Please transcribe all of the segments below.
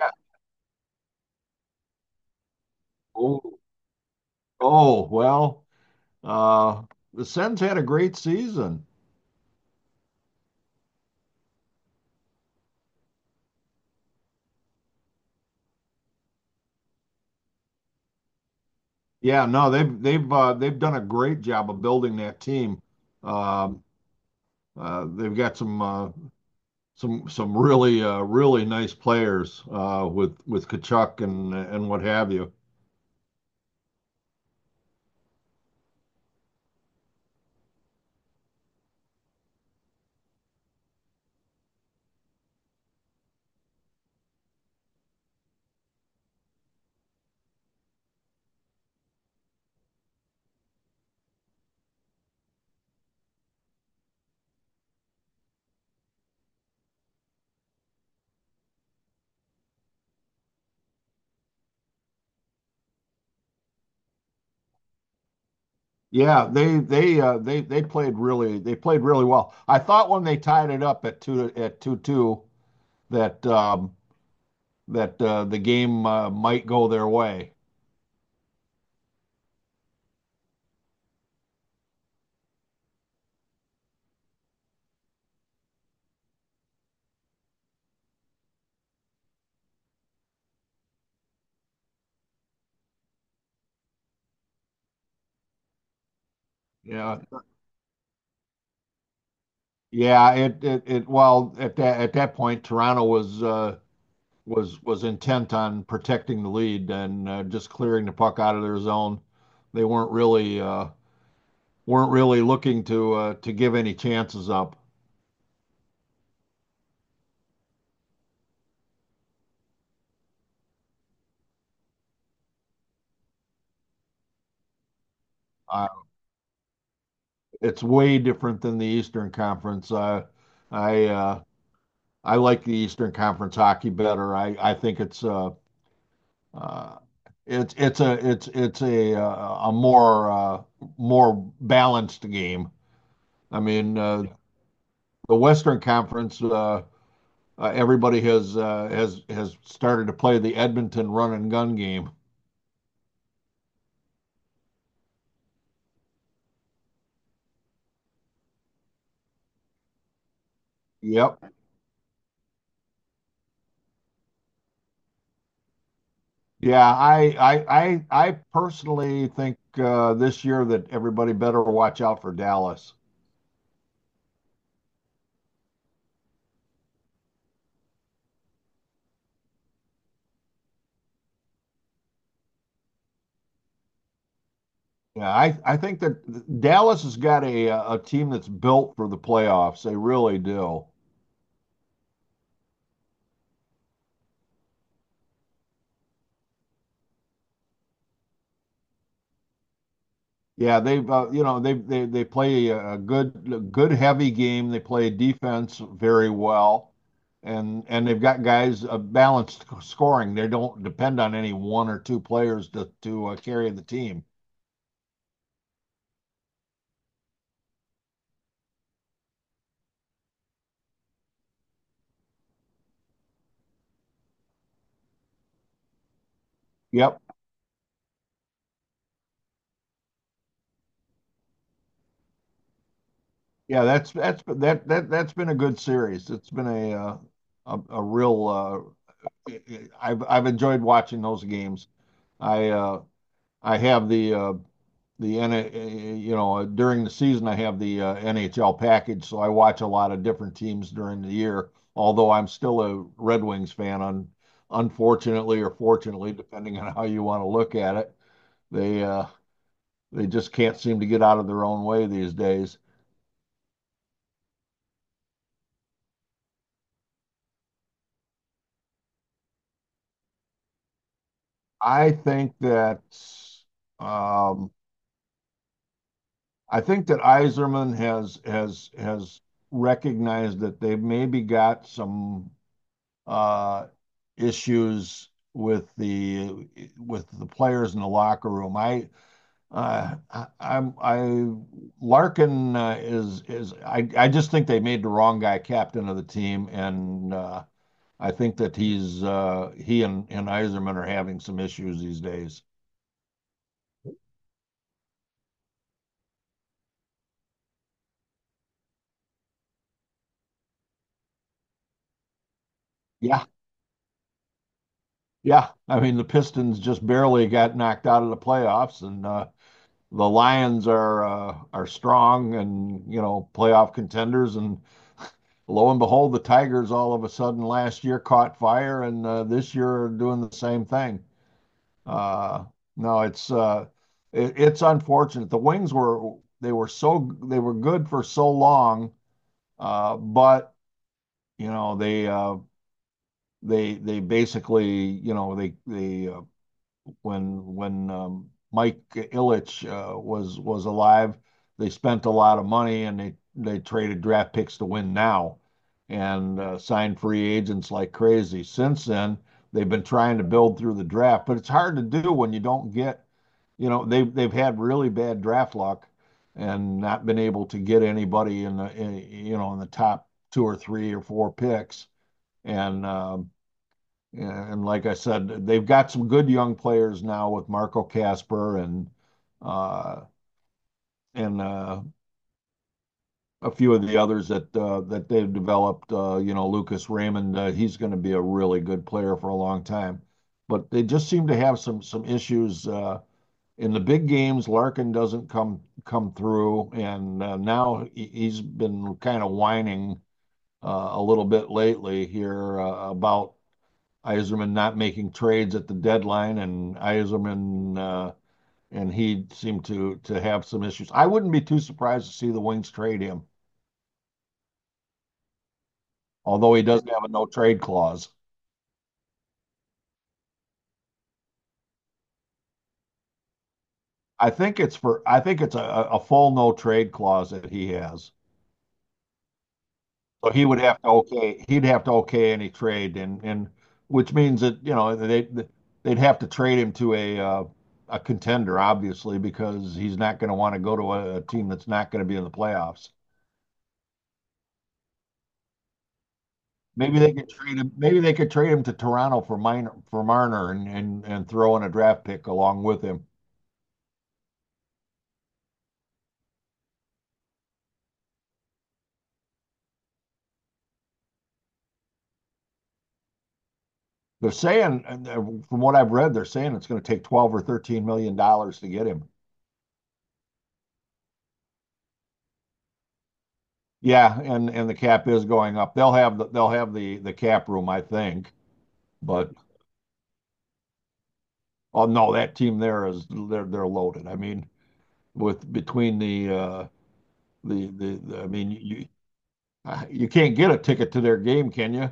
Yeah. Oh, oh, well, uh, the Sens had a great season. Yeah, no, they've they've done a great job of building that team. Um, they've got some really nice players with Kachuk and what have you. Yeah, they they played really they played really well. I thought when they tied it up at two at two that um, that the game might go their way. Yeah, Yeah, well, at that point, Toronto was, was intent on protecting the lead and just clearing the puck out of their zone. They weren't really weren't really looking to give any chances up. Uh, it's way different than the Eastern Conference. I, uh, I like the Eastern Conference hockey better. I think uh, it's a, it's a more, more balanced game. I mean, the Western Conference, everybody has started to play the Edmonton run and gun game. Yep. Yeah, I personally think this year that everybody better watch out for Dallas. Yeah, I think that Dallas has got a team that's built for the playoffs. They really do. Yeah, they've you know they they play a good good heavy game. They play defense very well, and they've got guys balanced scoring. They don't depend on any one or two players to carry the team. Yep, yeah, that's that that that's been a good series. It's been a real. I've enjoyed watching those games. I uh, I have the the N, uh, you know, during the season, I have the NHL package, so I watch a lot of different teams during the year. Although I'm still a Red Wings fan, unfortunately or fortunately, depending on how you want to look at it, they uh, they just can't seem to get out of their own way these days. I think that um, I think that Iserman has has recognized that they maybe got some uh, issues with the players in the locker room. I, I'm I Larkin is I just think they made the wrong guy captain of the team, and I think that he and Iserman are having some issues these days. Yeah, yeah. I mean the Pistons just barely got knocked out of the playoffs, and the Lions are strong and you know playoff contenders, and lo and behold, the Tigers all of a sudden last year caught fire, and this year are doing the same thing. Uh, no, it's unfortunate. The Wings were they were good for so long, but you know they basically you know they when when Mike Ilitch was alive, they spent a lot of money and they traded draft picks to win now, and signed free agents like crazy. Since then, they've been trying to build through the draft, but it's hard to do when you don't get, you know, they've had really bad draft luck and not been able to get anybody in the you know in the top two or three or four picks and. Yeah, and like I said, they've got some good young players now with Marco Casper uh, and a few of the others that that they've developed. You know, Lucas Raymond, he's going to be a really good player for a long time. But they just seem to have some issues in the big games. Larkin doesn't come through, and now he's been kind of whining a little bit lately here about Iserman not making trades at the deadline and Iserman and he seemed to have some issues. I wouldn't be too surprised to see the Wings trade him, although he does not have a no trade clause. I think it's for I think it's a full no trade clause that he has. So he would have to okay any trade and which means that you know they'd have to trade him to a contender obviously because he's not going to want to go to a team that's not going to be in the playoffs. Maybe they could trade him. Maybe they could trade him to Toronto for Marner and throw in a draft pick along with him. They're saying, from what I've read, they're saying it's going to take $12 or $13 million to get him. Yeah, and the cap is going up. They'll have the the cap room, I think. But oh no, that team there is they're loaded. I mean, with between the I mean you you can't get a ticket to their game, can you?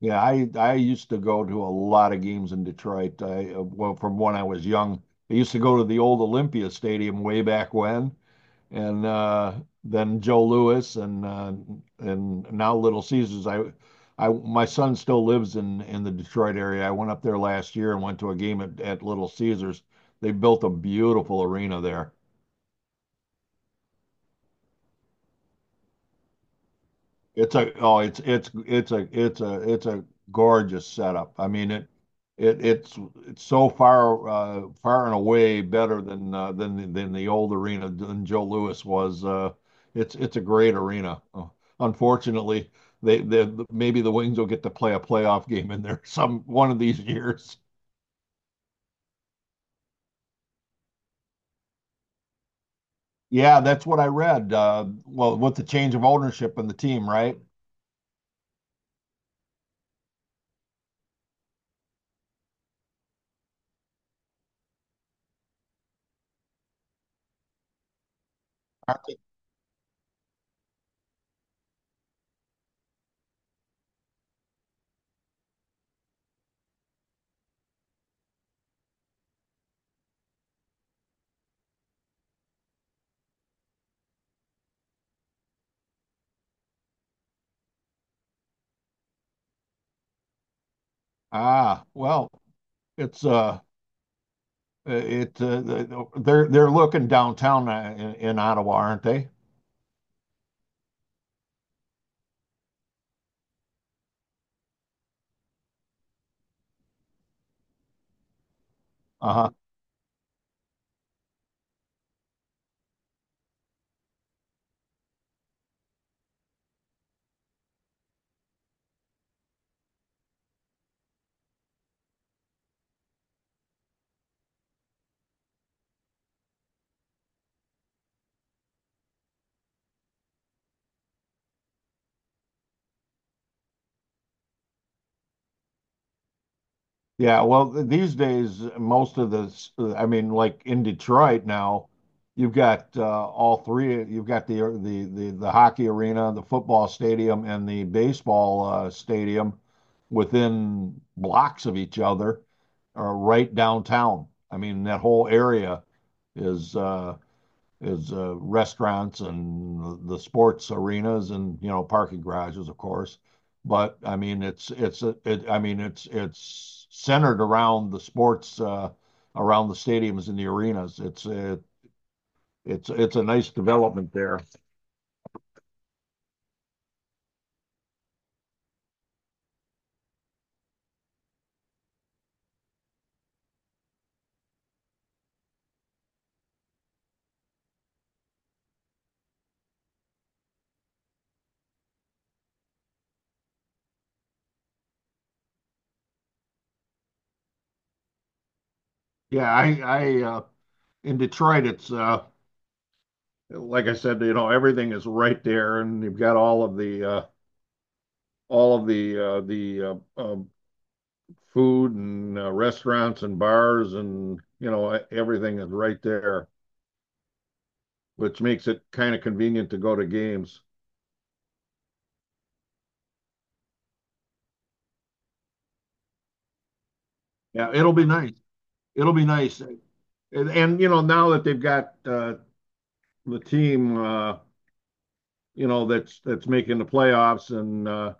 Yeah, I used to go to a lot of games in Detroit. I Well, from when I was young, I used to go to the old Olympia Stadium way back when, and then Joe Louis and now Little Caesars. I my son still lives in the Detroit area. I went up there last year and went to a game at Little Caesars. They built a beautiful arena there. It's a it's a gorgeous setup. I mean it it's it's so far and away better than than the old arena than Joe Louis was. It's a great arena. Unfortunately, they maybe the Wings will get to play a playoff game in there some one of these years. Yeah, that's what I read. Well, with the change of ownership in the team, right? Aren't they- Ah, well, it's uh Uh, It, uh, they're looking downtown in Ottawa, aren't they? Uh-huh. Yeah, well, these days, most of the, I mean, like in Detroit now, you've got all three. You've got the hockey arena, the football stadium, and the baseball stadium within blocks of each other, right downtown. I mean, that whole area is restaurants and the sports arenas and you know parking garages, of course. But I mean, I mean, it's centered around the sports around the stadiums and the arenas. It's a nice development there. Yeah, I in Detroit, it's like I said, you know, everything is right there, and you've got all of the food and restaurants and bars and you know everything is right there, which makes it kind of convenient to go to games. Yeah, it'll be nice. It'll be nice. And you know now that they've got the team, you know that's making the playoffs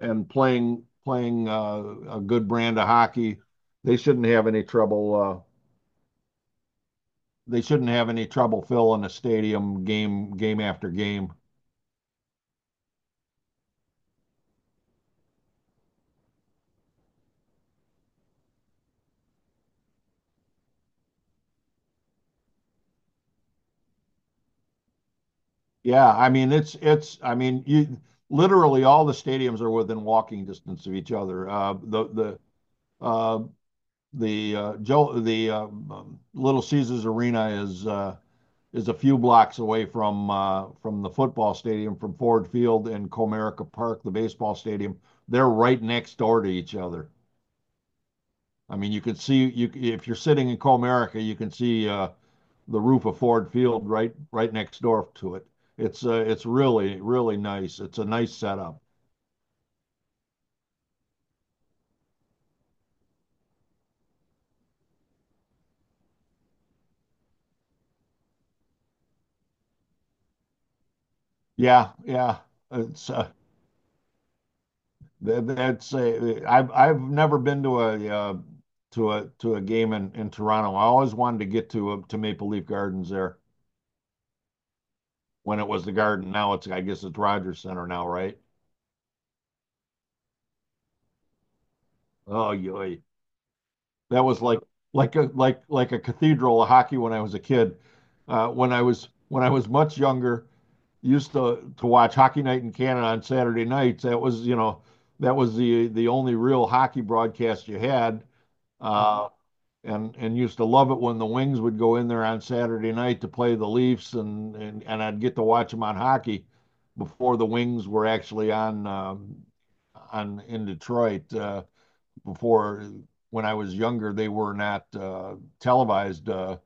and playing a good brand of hockey, they shouldn't have any trouble. They shouldn't have any trouble filling a stadium game game after game. Yeah, I mean it's I mean you literally all the stadiums are within walking distance of each other. Uh, the Joe the Little Caesars Arena is a few blocks away from the football stadium, from Ford Field and Comerica Park, the baseball stadium. They're right next door to each other. I mean, you can see you if you're sitting in Comerica, you can see the roof of Ford Field right right next door to it. It's really really nice. It's a nice setup. Yeah, yeah. It's uh, that's I've never been to a to a to a game in Toronto. I always wanted to get to Maple Leaf Gardens there when it was the Garden. Now it's I guess it's Rogers Center now, right? Oh, yoy. That was like like a like a cathedral of hockey when I was a kid. When I was much younger, used to watch Hockey Night in Canada on Saturday nights. That was you know that was the only real hockey broadcast you had. Uh, and used to love it when the Wings would go in there on Saturday night to play the Leafs, and and I'd get to watch them on hockey before the Wings were actually on in Detroit. Before when I was younger, they were not televised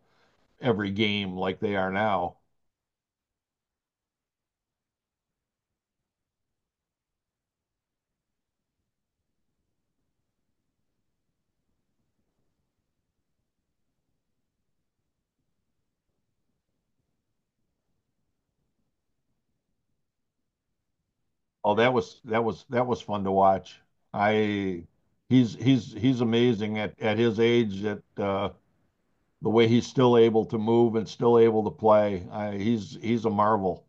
every game like they are now. Oh, that was fun to watch. I he's amazing at his age at the way he's still able to move and still able to play. I, he's a marvel.